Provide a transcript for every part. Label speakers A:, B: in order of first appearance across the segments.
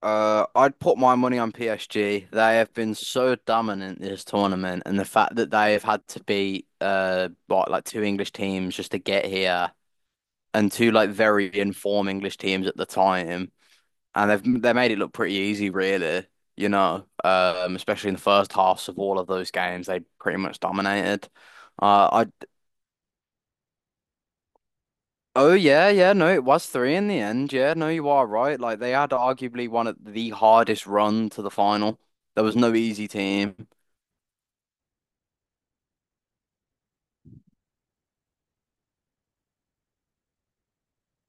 A: I'd put my money on PSG. They have been so dominant this tournament, and the fact that they have had to beat what, like two English teams just to get here, and two like very informed English teams at the time, and they made it look pretty easy, really. Especially in the first halves of all of those games, they pretty much dominated. Uh, Oh yeah, yeah, no, it was three in the end. Yeah, no, you are right. Like they had arguably one of the hardest run to the final. There was no easy team.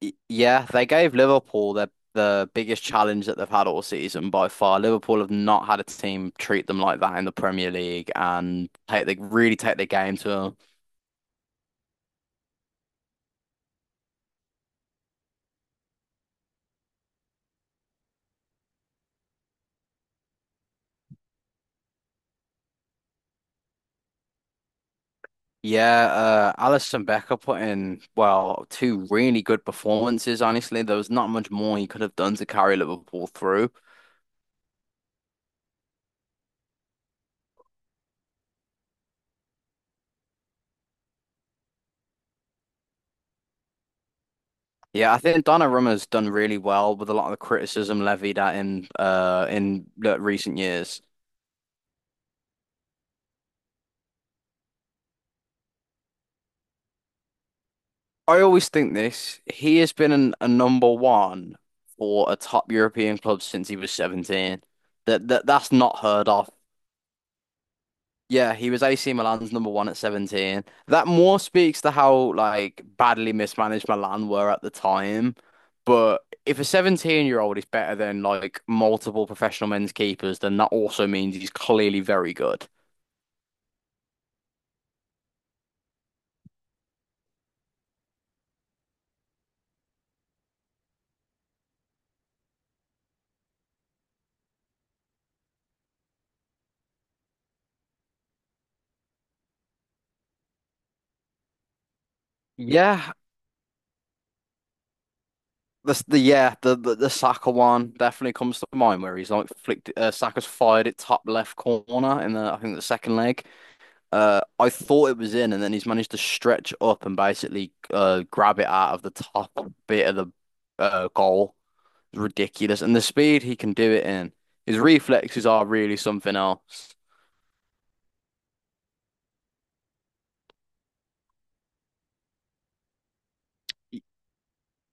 A: Yeah, they gave Liverpool the biggest challenge that they've had all season by far. Liverpool have not had a team treat them like that in the Premier League and take they really take the game to them. Yeah, Alisson Becker put in, well, two really good performances, honestly. There was not much more he could have done to carry Liverpool through. Yeah, I think Donnarumma's done really well with a lot of the criticism levied at him in the recent years. I always think this, he has been a number one for a top European club since he was 17. That's not heard of. Yeah, he was AC Milan's number one at 17. That more speaks to how like badly mismanaged Milan were at the time. But if a 17-year-old is better than like multiple professional men's keepers, then that also means he's clearly very good. Yeah, the Saka one definitely comes to mind where he's like flicked Saka's fired it top left corner in the I think the second leg. I thought it was in, and then he's managed to stretch up and basically grab it out of the top bit of the goal. It's ridiculous, and the speed he can do it in. His reflexes are really something else.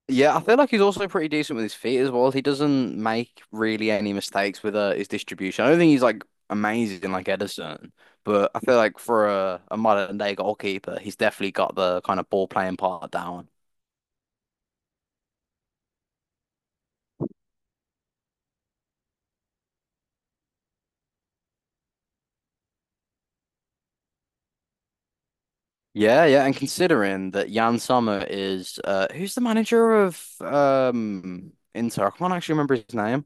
A: Yeah, I feel like he's also pretty decent with his feet as well. He doesn't make really any mistakes with his distribution. I don't think he's like amazing like Edison, but I feel like for a modern day goalkeeper, he's definitely got the kind of ball playing part down. Yeah, yeah, and considering that Jan Sommer is who's the manager of Inter? I can't actually remember his name.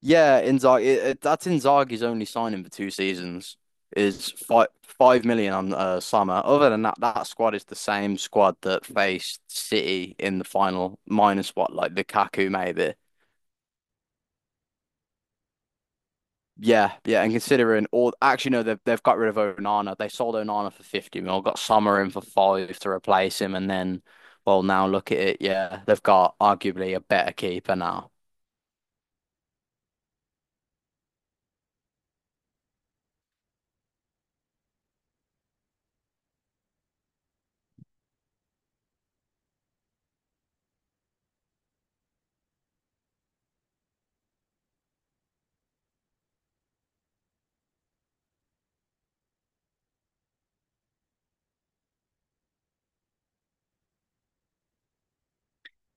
A: Yeah, Inzaghi. That's Inzaghi's only signing for 2 seasons is five million on Summer. Other than that, that squad is the same squad that faced City in the final, minus what like Lukaku maybe. Yeah, yeah. And considering all, actually no, they've got rid of Onana. They sold Onana for 50 mil, got Summer in for five to replace him, and then well now look at it. Yeah, they've got arguably a better keeper now.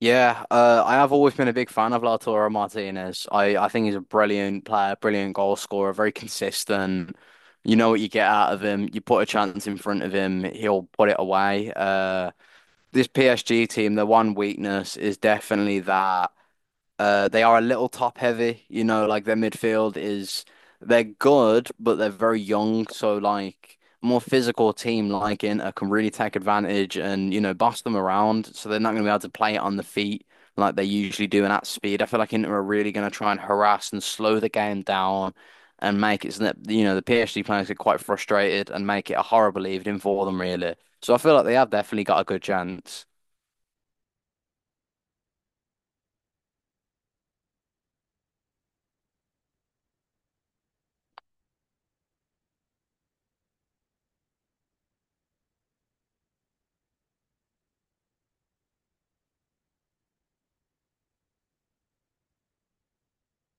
A: Yeah, I have always been a big fan of Lautaro Martinez. I think he's a brilliant player, brilliant goal scorer, very consistent. You know what you get out of him. You put a chance in front of him, he'll put it away. This PSG team, their one weakness is definitely that. They are a little top heavy, you know, like their midfield is they're good, but they're very young. So like more physical team like Inter can really take advantage and, you know, boss them around. So they're not gonna be able to play it on the feet like they usually do and at speed. I feel like Inter are really gonna try and harass and slow the game down and make it so that, you know, the PSG players get quite frustrated and make it a horrible evening for them really. So I feel like they have definitely got a good chance.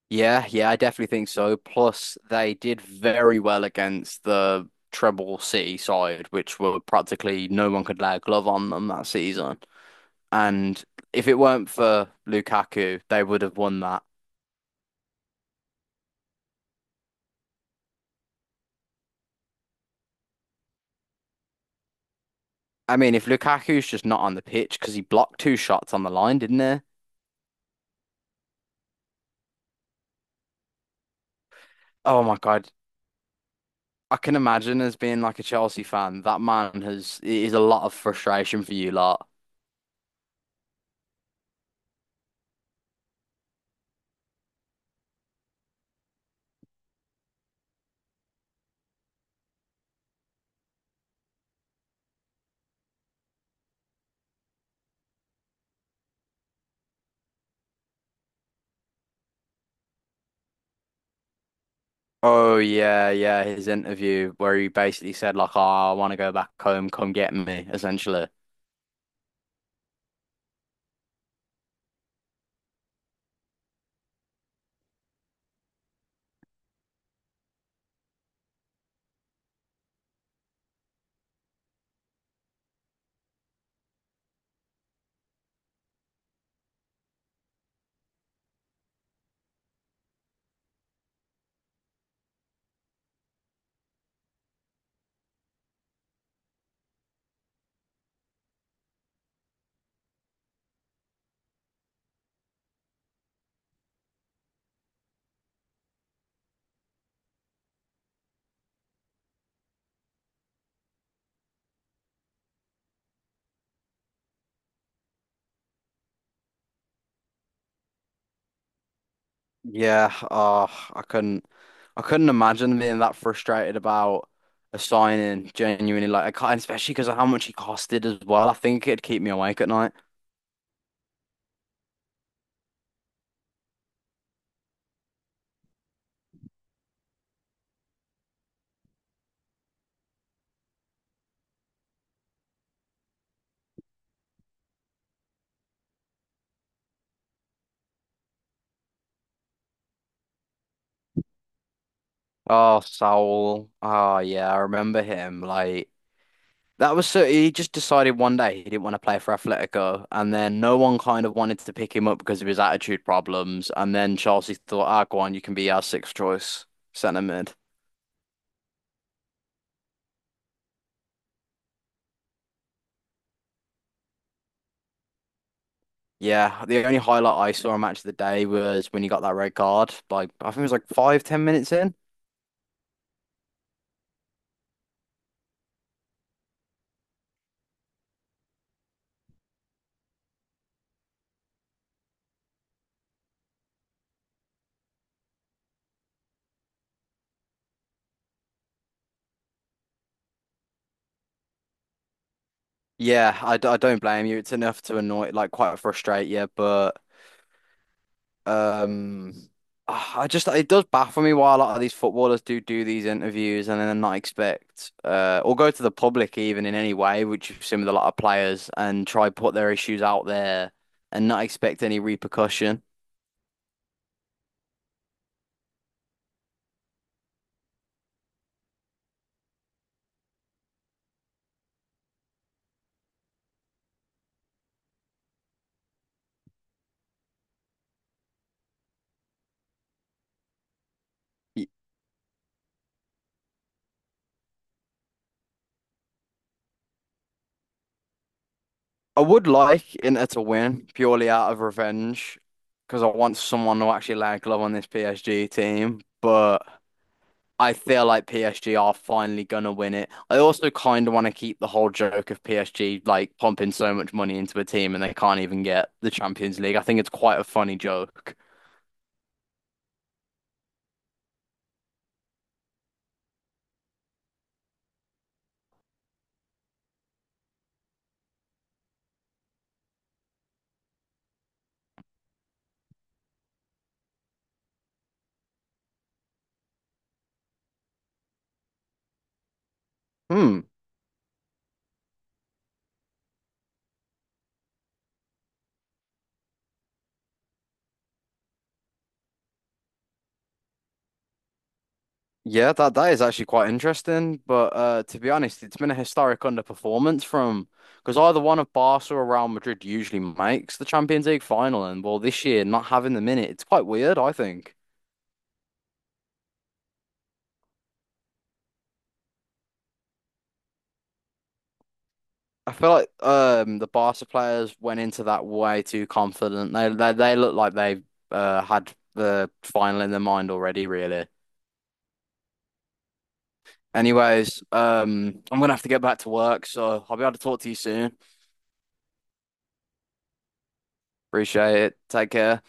A: Yeah, yeah, I definitely think so. Plus, they did very well against the Treble City side, which were practically no one could lay a glove on them that season. And if it weren't for Lukaku, they would have won that. I mean, if Lukaku's just not on the pitch because he blocked two shots on the line, didn't he? Oh my God. I can imagine as being like a Chelsea fan, that man has it is a lot of frustration for you lot. Oh yeah, yeah, his interview where he basically said like, "Oh, I want to go back home. Come get me," essentially. Yeah, oh, I couldn't, I couldn't imagine being that frustrated about a signing. Genuinely, like I can't, especially because of how much he costed as well. I think it'd keep me awake at night. Oh, Saul. Oh yeah, I remember him. Like that was so he just decided one day he didn't want to play for Atletico, and then no one kind of wanted to pick him up because of his attitude problems. And then Chelsea thought, ah, go on, you can be our sixth choice centre mid. Yeah, the only highlight I saw on Match of the Day was when he got that red card. Like I think it was like five, 10 minutes in. Yeah, I don't blame you. It's enough to annoy, like quite frustrate you, but. Um, I just it does baffle me why a lot of these footballers do these interviews and then not expect or go to the public even in any way, which you've seen with a lot of players, and try put their issues out there and not expect any repercussion. I would like Inter to win purely out of revenge because I want someone to actually lay a glove on this PSG team, but. I feel like PSG are finally gonna win it. I also kind of want to keep the whole joke of PSG like pumping so much money into a team and they can't even get the Champions League. I think it's quite a funny joke. Hmm. Yeah, that that is actually quite interesting. But to be honest, it's been a historic underperformance from because either one of Barca or Real Madrid usually makes the Champions League final, and well, this year not having them in it, it's quite weird, I think. I feel like the Barca players went into that way too confident. They look like they had the final in their mind already, really. Anyways, I'm gonna have to get back to work, so I'll be able to talk to you soon. Appreciate it. Take care.